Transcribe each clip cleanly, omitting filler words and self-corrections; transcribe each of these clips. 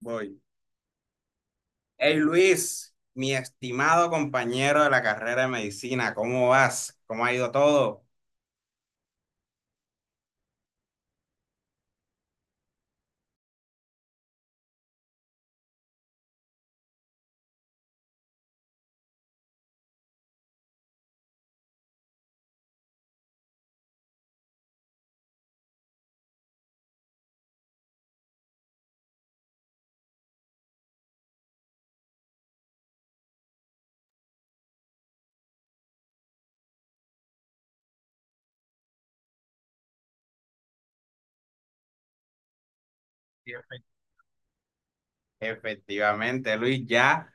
Voy. Hey Luis, mi estimado compañero de la carrera de medicina, ¿cómo vas? ¿Cómo ha ido todo? Sí, efectivamente. Efectivamente, Luis, ya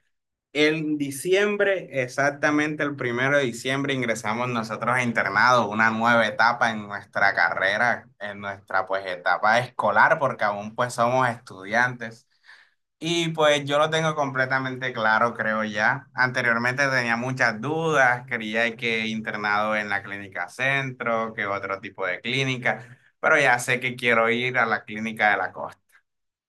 en diciembre, exactamente el primero de diciembre, ingresamos nosotros a internado, una nueva etapa en nuestra carrera, en nuestra pues etapa escolar, porque aún pues somos estudiantes. Y pues yo lo tengo completamente claro, creo ya. Anteriormente tenía muchas dudas, quería que internado en la clínica centro, que otro tipo de clínica, pero ya sé que quiero ir a la clínica de la costa.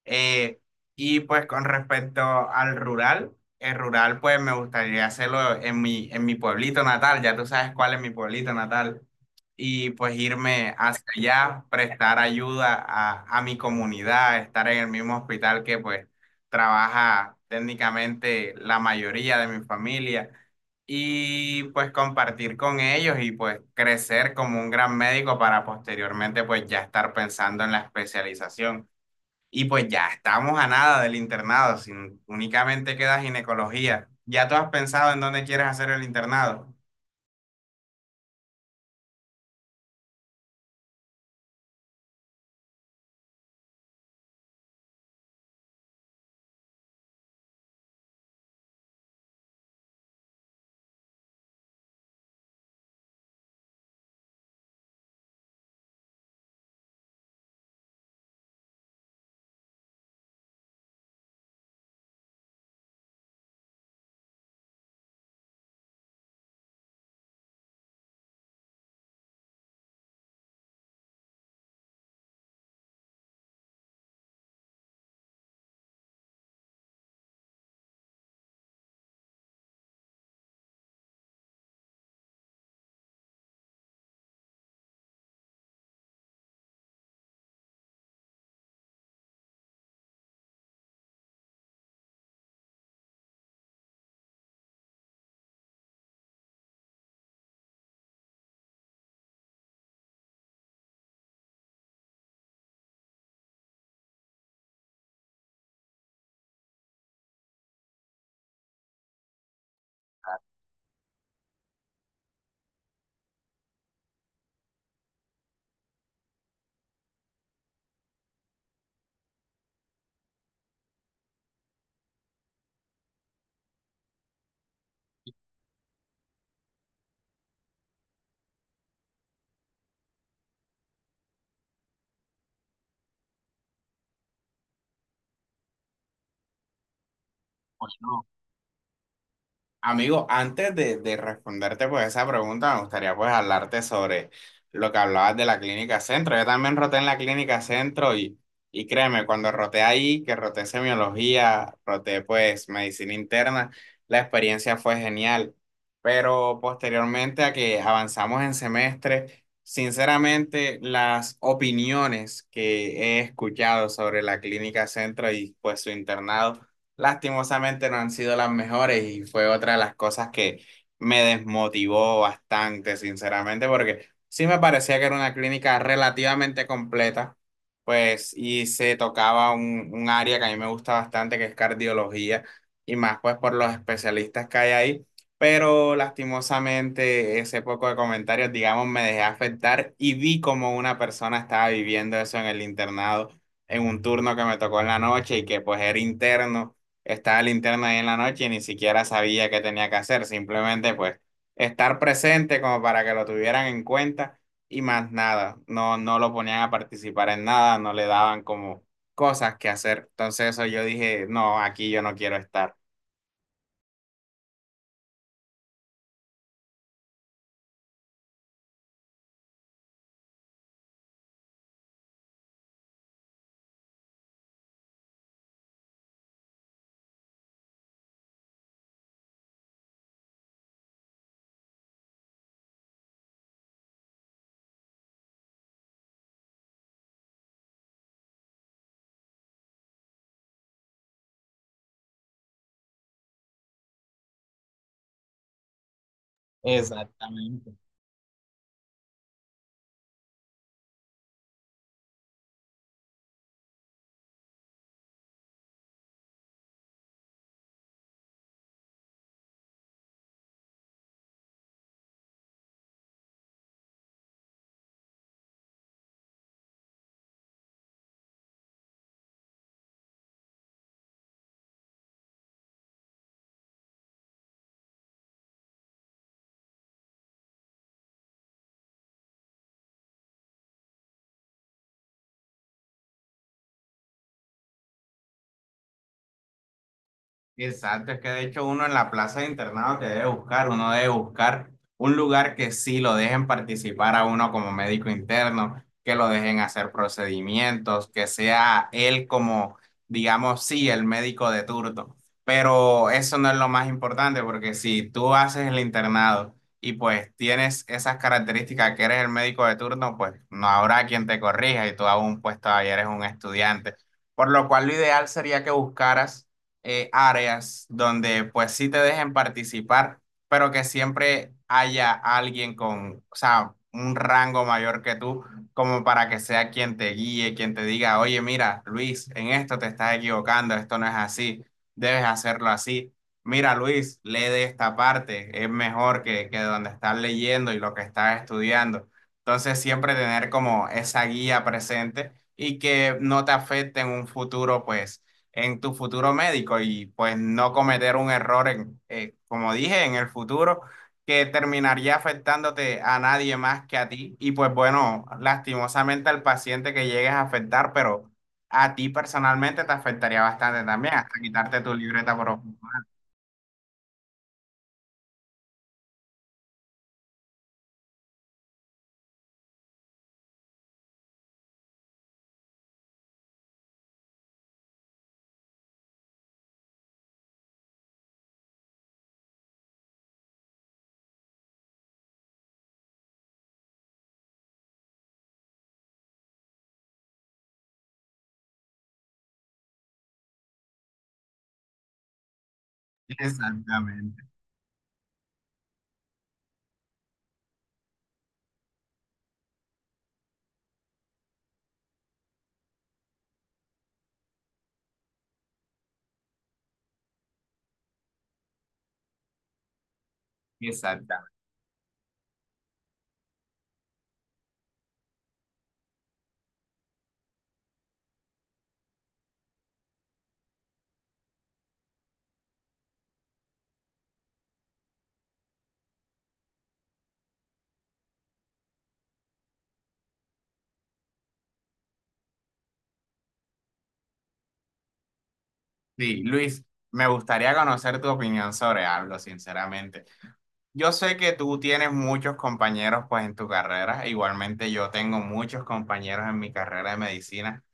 Eh, y pues con respecto al rural, el rural pues me gustaría hacerlo en en mi pueblito natal, ya tú sabes cuál es mi pueblito natal, y pues irme hacia allá, prestar ayuda a mi comunidad, estar en el mismo hospital que pues trabaja técnicamente la mayoría de mi familia, y pues compartir con ellos y pues crecer como un gran médico para posteriormente pues ya estar pensando en la especialización. Y pues ya estamos a nada del internado, si únicamente queda ginecología. ¿Ya tú has pensado en dónde quieres hacer el internado? Amigo, antes de responderte pues esa pregunta, me gustaría pues hablarte sobre lo que hablabas de la clínica centro. Yo también roté en la clínica centro y créeme, cuando roté ahí, que roté semiología, roté pues medicina interna, la experiencia fue genial. Pero posteriormente a que avanzamos en semestre, sinceramente las opiniones que he escuchado sobre la clínica centro y pues su internado lastimosamente no han sido las mejores y fue otra de las cosas que me desmotivó bastante, sinceramente, porque sí me parecía que era una clínica relativamente completa, pues, y se tocaba un área que a mí me gusta bastante, que es cardiología, y más pues por los especialistas que hay ahí. Pero lastimosamente ese poco de comentarios, digamos, me dejé afectar y vi como una persona estaba viviendo eso en el internado, en un turno que me tocó en la noche y que pues era interno estaba linterna ahí en la noche y ni siquiera sabía qué tenía que hacer, simplemente pues estar presente como para que lo tuvieran en cuenta y más nada, no, no lo ponían a participar en nada, no le daban como cosas que hacer, entonces eso yo dije, no, aquí yo no quiero estar. Exactamente. Exacto, es que de hecho uno en la plaza de internado que debe buscar, uno debe buscar un lugar que sí lo dejen participar a uno como médico interno, que lo dejen hacer procedimientos, que sea él como, digamos, sí, el médico de turno. Pero eso no es lo más importante, porque si tú haces el internado y pues tienes esas características que eres el médico de turno, pues no habrá quien te corrija y tú aún pues todavía eres un estudiante. Por lo cual lo ideal sería que buscaras áreas donde pues sí te dejen participar, pero que siempre haya alguien con, o sea, un rango mayor que tú, como para que sea quien te guíe, quien te diga, oye, mira, Luis, en esto te estás equivocando, esto no es así, debes hacerlo así. Mira, Luis, lee de esta parte, es mejor que donde estás leyendo y lo que estás estudiando. Entonces, siempre tener como esa guía presente y que no te afecte en un futuro, pues en tu futuro médico y pues no cometer un error en, como dije, en el futuro que terminaría afectándote a nadie más que a ti y pues bueno, lastimosamente al paciente que llegues a afectar, pero a ti personalmente te afectaría bastante también, hasta quitarte tu libreta por ojo. Exactamente, exactamente. Sí, Luis, me gustaría conocer tu opinión sobre algo, sinceramente. Yo sé que tú tienes muchos compañeros pues en tu carrera, igualmente yo tengo muchos compañeros en mi carrera de medicina,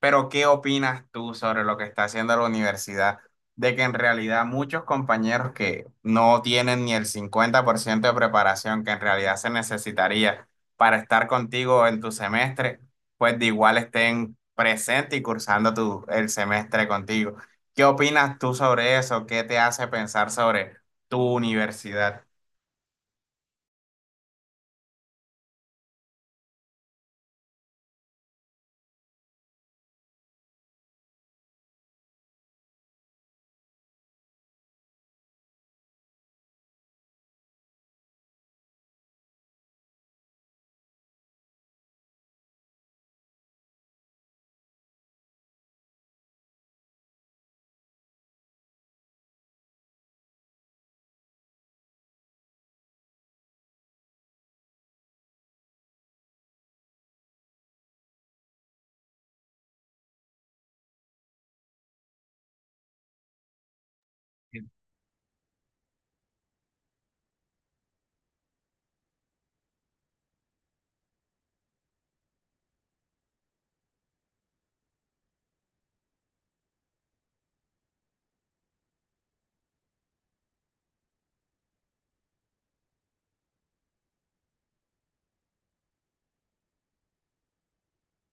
pero ¿qué opinas tú sobre lo que está haciendo la universidad? De que en realidad muchos compañeros que no tienen ni el 50% de preparación que en realidad se necesitaría para estar contigo en tu semestre, pues de igual estén presentes y cursando el semestre contigo. ¿Qué opinas tú sobre eso? ¿Qué te hace pensar sobre tu universidad?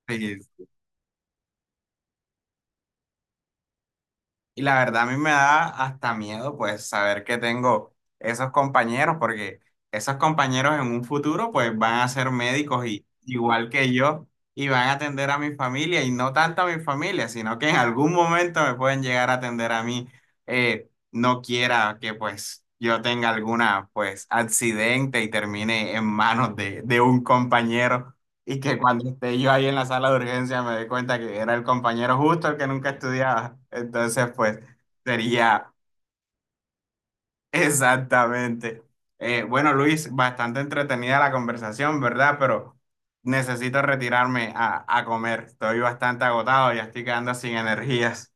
Sí, y la verdad a mí me da hasta miedo pues saber que tengo esos compañeros porque esos compañeros en un futuro pues van a ser médicos y, igual que yo y van a atender a mi familia y no tanto a mi familia sino que en algún momento me pueden llegar a atender a mí. No quiera que pues yo tenga alguna pues accidente y termine en manos de un compañero. Y que cuando esté yo ahí en la sala de urgencia me dé cuenta que era el compañero justo el que nunca estudiaba. Entonces, pues, sería exactamente. Bueno, Luis, bastante entretenida la conversación, ¿verdad? Pero necesito retirarme a comer. Estoy bastante agotado, ya estoy quedando sin energías.